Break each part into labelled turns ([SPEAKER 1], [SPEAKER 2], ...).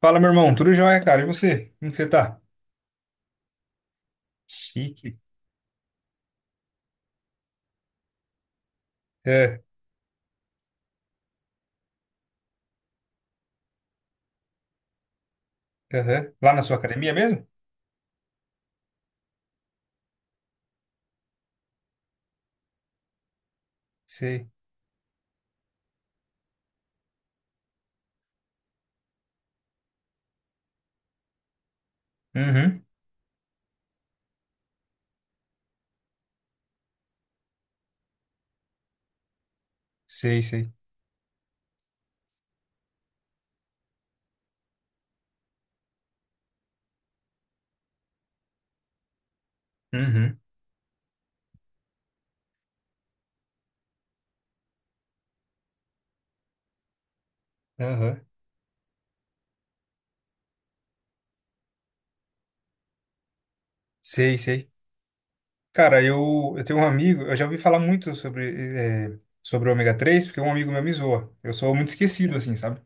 [SPEAKER 1] Fala, meu irmão. Tudo jóia, cara? E você? Como que você tá? Chique. É, aham. Lá na sua academia mesmo? Sei. Uhum. Sei, sei. Uhum. Aham. Sei, sei. Cara, eu tenho um amigo, eu já ouvi falar muito sobre o ômega três porque um amigo meu me zoa. Eu sou muito esquecido, assim, sabe?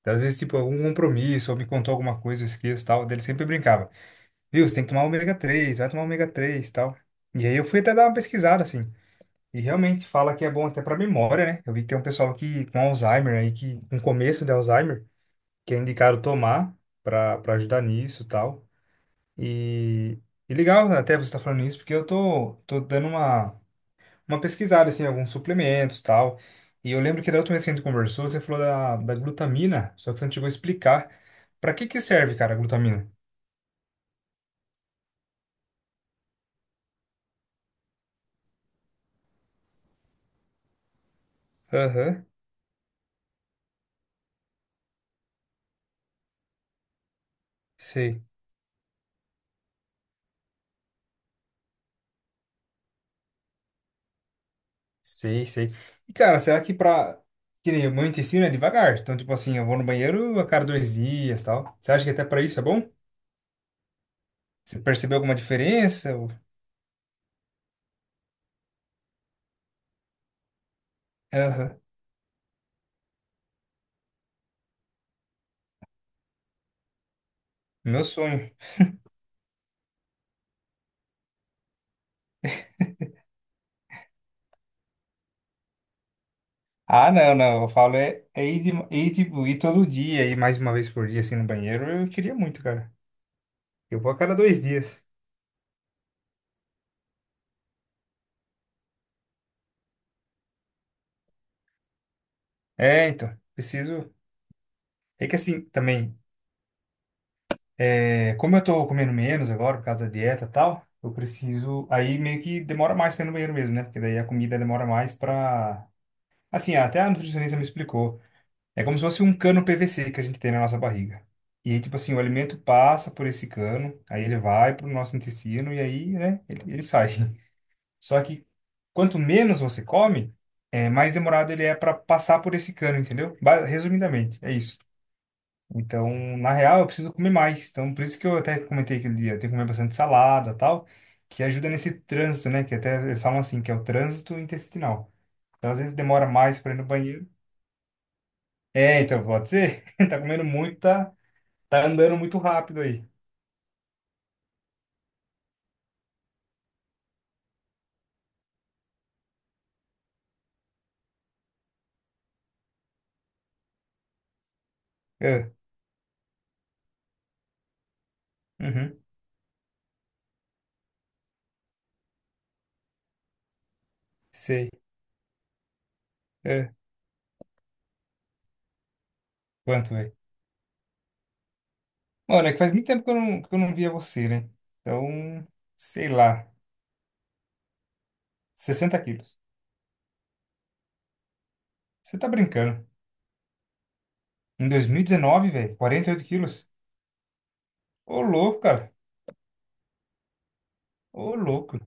[SPEAKER 1] Então, às vezes, tipo, algum compromisso, ou me contou alguma coisa, eu esqueço, e tal. Daí ele sempre brincava. Viu, você tem que tomar ômega três, vai tomar ômega 3, tal. E aí eu fui até dar uma pesquisada, assim. E realmente fala que é bom até para memória, né? Eu vi que tem um pessoal que com Alzheimer aí, que com começo de Alzheimer, que é indicado tomar para ajudar nisso e tal. E, e legal até você estar falando isso, porque eu tô dando uma pesquisada assim, em alguns suplementos e tal. E eu lembro que da última vez que a gente conversou, você falou da glutamina, só que você não chegou a explicar para que que serve, cara, a glutamina. Aham, sei. Sei, sei. E, cara, será que pra... Que nem o meu intestino é devagar. Então, tipo assim, eu vou no banheiro a cada 2 dias, tal. Você acha que até pra isso é bom? Você percebeu alguma diferença? Ou- Aham. Meu sonho. Ah, não, não. Eu falo é ir, ir, tipo, ir todo dia, ir mais uma vez por dia, assim, no banheiro. Eu queria muito, cara. Eu vou a cada 2 dias. É, então. Preciso... É que assim, também... É, como eu tô comendo menos agora por causa da dieta e tal, eu preciso. Aí meio que demora mais pra ir no banheiro mesmo, né? Porque daí a comida demora mais pra. Assim, até a nutricionista me explicou. É como se fosse um cano PVC que a gente tem na nossa barriga. E aí, tipo assim, o alimento passa por esse cano, aí ele vai pro nosso intestino e aí, né, ele sai. Só que quanto menos você come, mais demorado ele é pra passar por esse cano, entendeu? Resumidamente, é isso. Então, na real, eu preciso comer mais. Então, por isso que eu até comentei aquele dia, eu tenho que comer bastante salada, tal, que ajuda nesse trânsito, né? Que até eles falam assim, que é o trânsito intestinal. Então, às vezes demora mais para ir no banheiro. É, então pode ser. Tá comendo muito, tá? Tá andando muito rápido aí. É, uhum, sei. É, quanto, velho? Mano, é que faz muito tempo que eu não via você, né? Então, sei lá, 60 quilos. Você tá brincando. Em 2019, velho, 48 quilos. Ô, louco, cara. Ô, louco.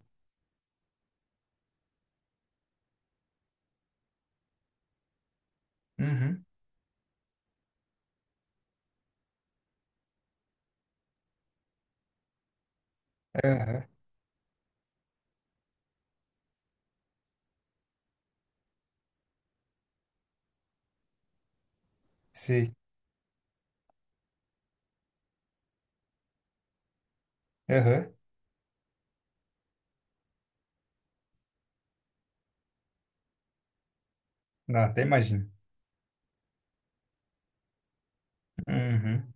[SPEAKER 1] Uhum. Aham. Sei. Aham. Não, até imagino. Uhum.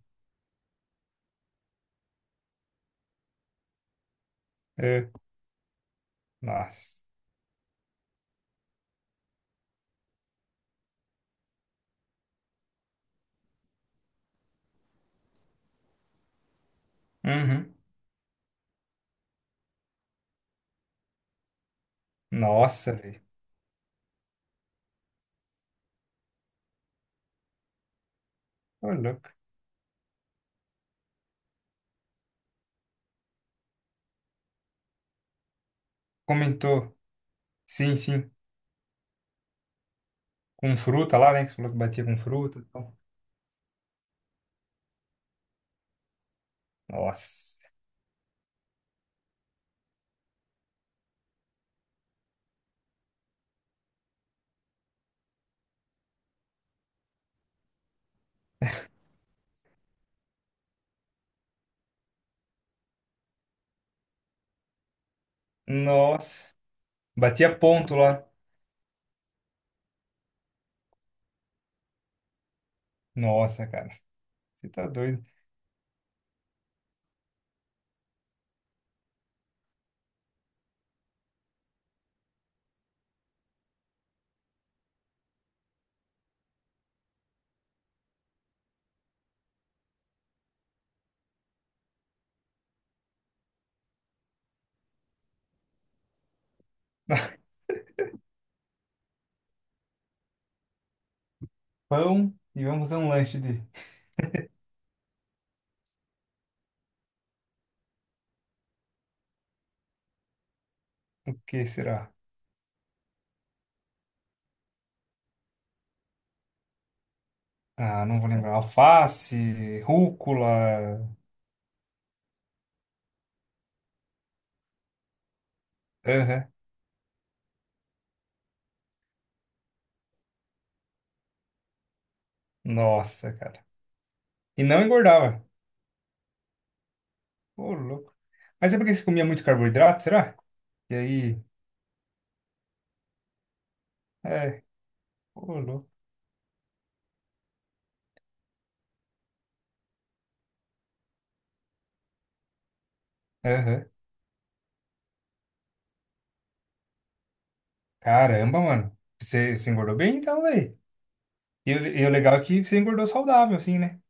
[SPEAKER 1] É. Nossa. Uhum. Nossa, velho. Ô, louco. Comentou. Sim, sim. Com fruta lá, né? Que você falou que batia com fruta e tal. Nossa. Nossa. Batia ponto lá. Nossa, cara. Você tá doido. Pão e vamos fazer um lanche de... O que será? Ah, não vou lembrar. Alface, rúcula. Aham. Nossa, cara. E não engordava. Ô, louco. Mas é porque você comia muito carboidrato, será? E aí. É. Ô, louco. Aham. Caramba, mano. Você engordou bem então, velho. E o legal é que você engordou saudável, assim, né?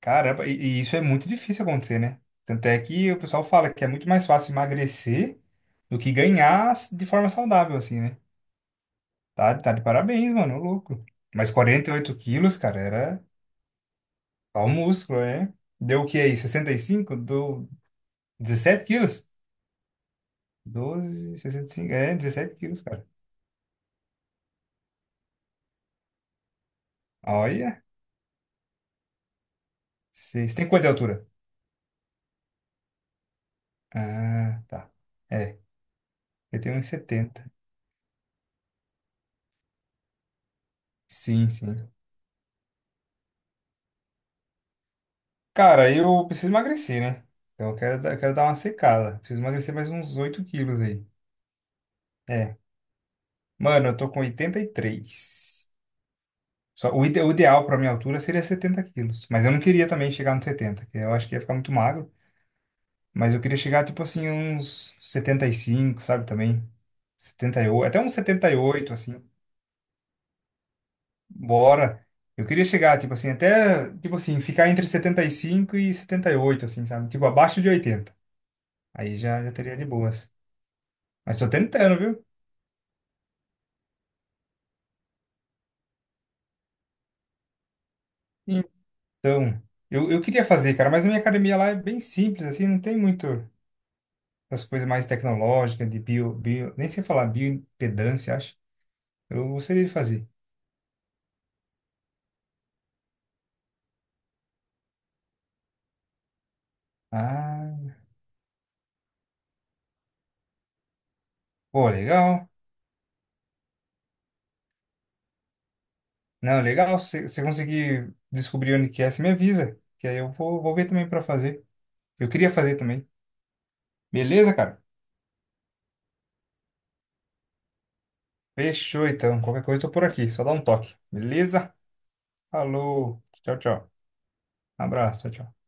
[SPEAKER 1] Caramba, e isso é muito difícil acontecer, né? Tanto é que o pessoal fala que é muito mais fácil emagrecer do que ganhar de forma saudável, assim, né? Tá de parabéns, mano, ô louco. Mas 48 quilos, cara, era só o músculo, é? Deu o que aí? 65? Deu 17 quilos? Doze sessenta e cinco? É, 17 quilos, cara. Olha, vocês têm quanto de altura? Ah, tá. É, eu tenho uns 70. Sim, sim. Cara, eu preciso emagrecer, né? Então eu quero dar uma secada. Preciso emagrecer mais uns 8 quilos aí. É. Mano, eu tô com 83. Só, o ideal pra minha altura seria 70 quilos. Mas eu não queria também chegar nos 70, que eu acho que ia ficar muito magro. Mas eu queria chegar, tipo assim, uns 75, sabe? Também. 78, até uns 78, assim. Bora. Eu queria chegar, tipo assim, até, tipo assim, ficar entre 75 e 78 assim, sabe? Tipo, abaixo de 80. Aí já teria de boas. Mas tô tentando, viu? Então, eu queria fazer, cara, mas a minha academia lá é bem simples, assim, não tem muito as coisas mais tecnológicas, de nem sei falar, bioimpedância, acho. Eu gostaria de fazer. Ah, pô, legal. Não, legal, se você conseguir descobrir onde que é, você me avisa, que aí eu vou ver também pra fazer. Eu queria fazer também. Beleza, cara? Fechou então. Qualquer coisa, eu tô por aqui. Só dá um toque. Beleza? Falou. Tchau, tchau. Abraço. Tchau, tchau.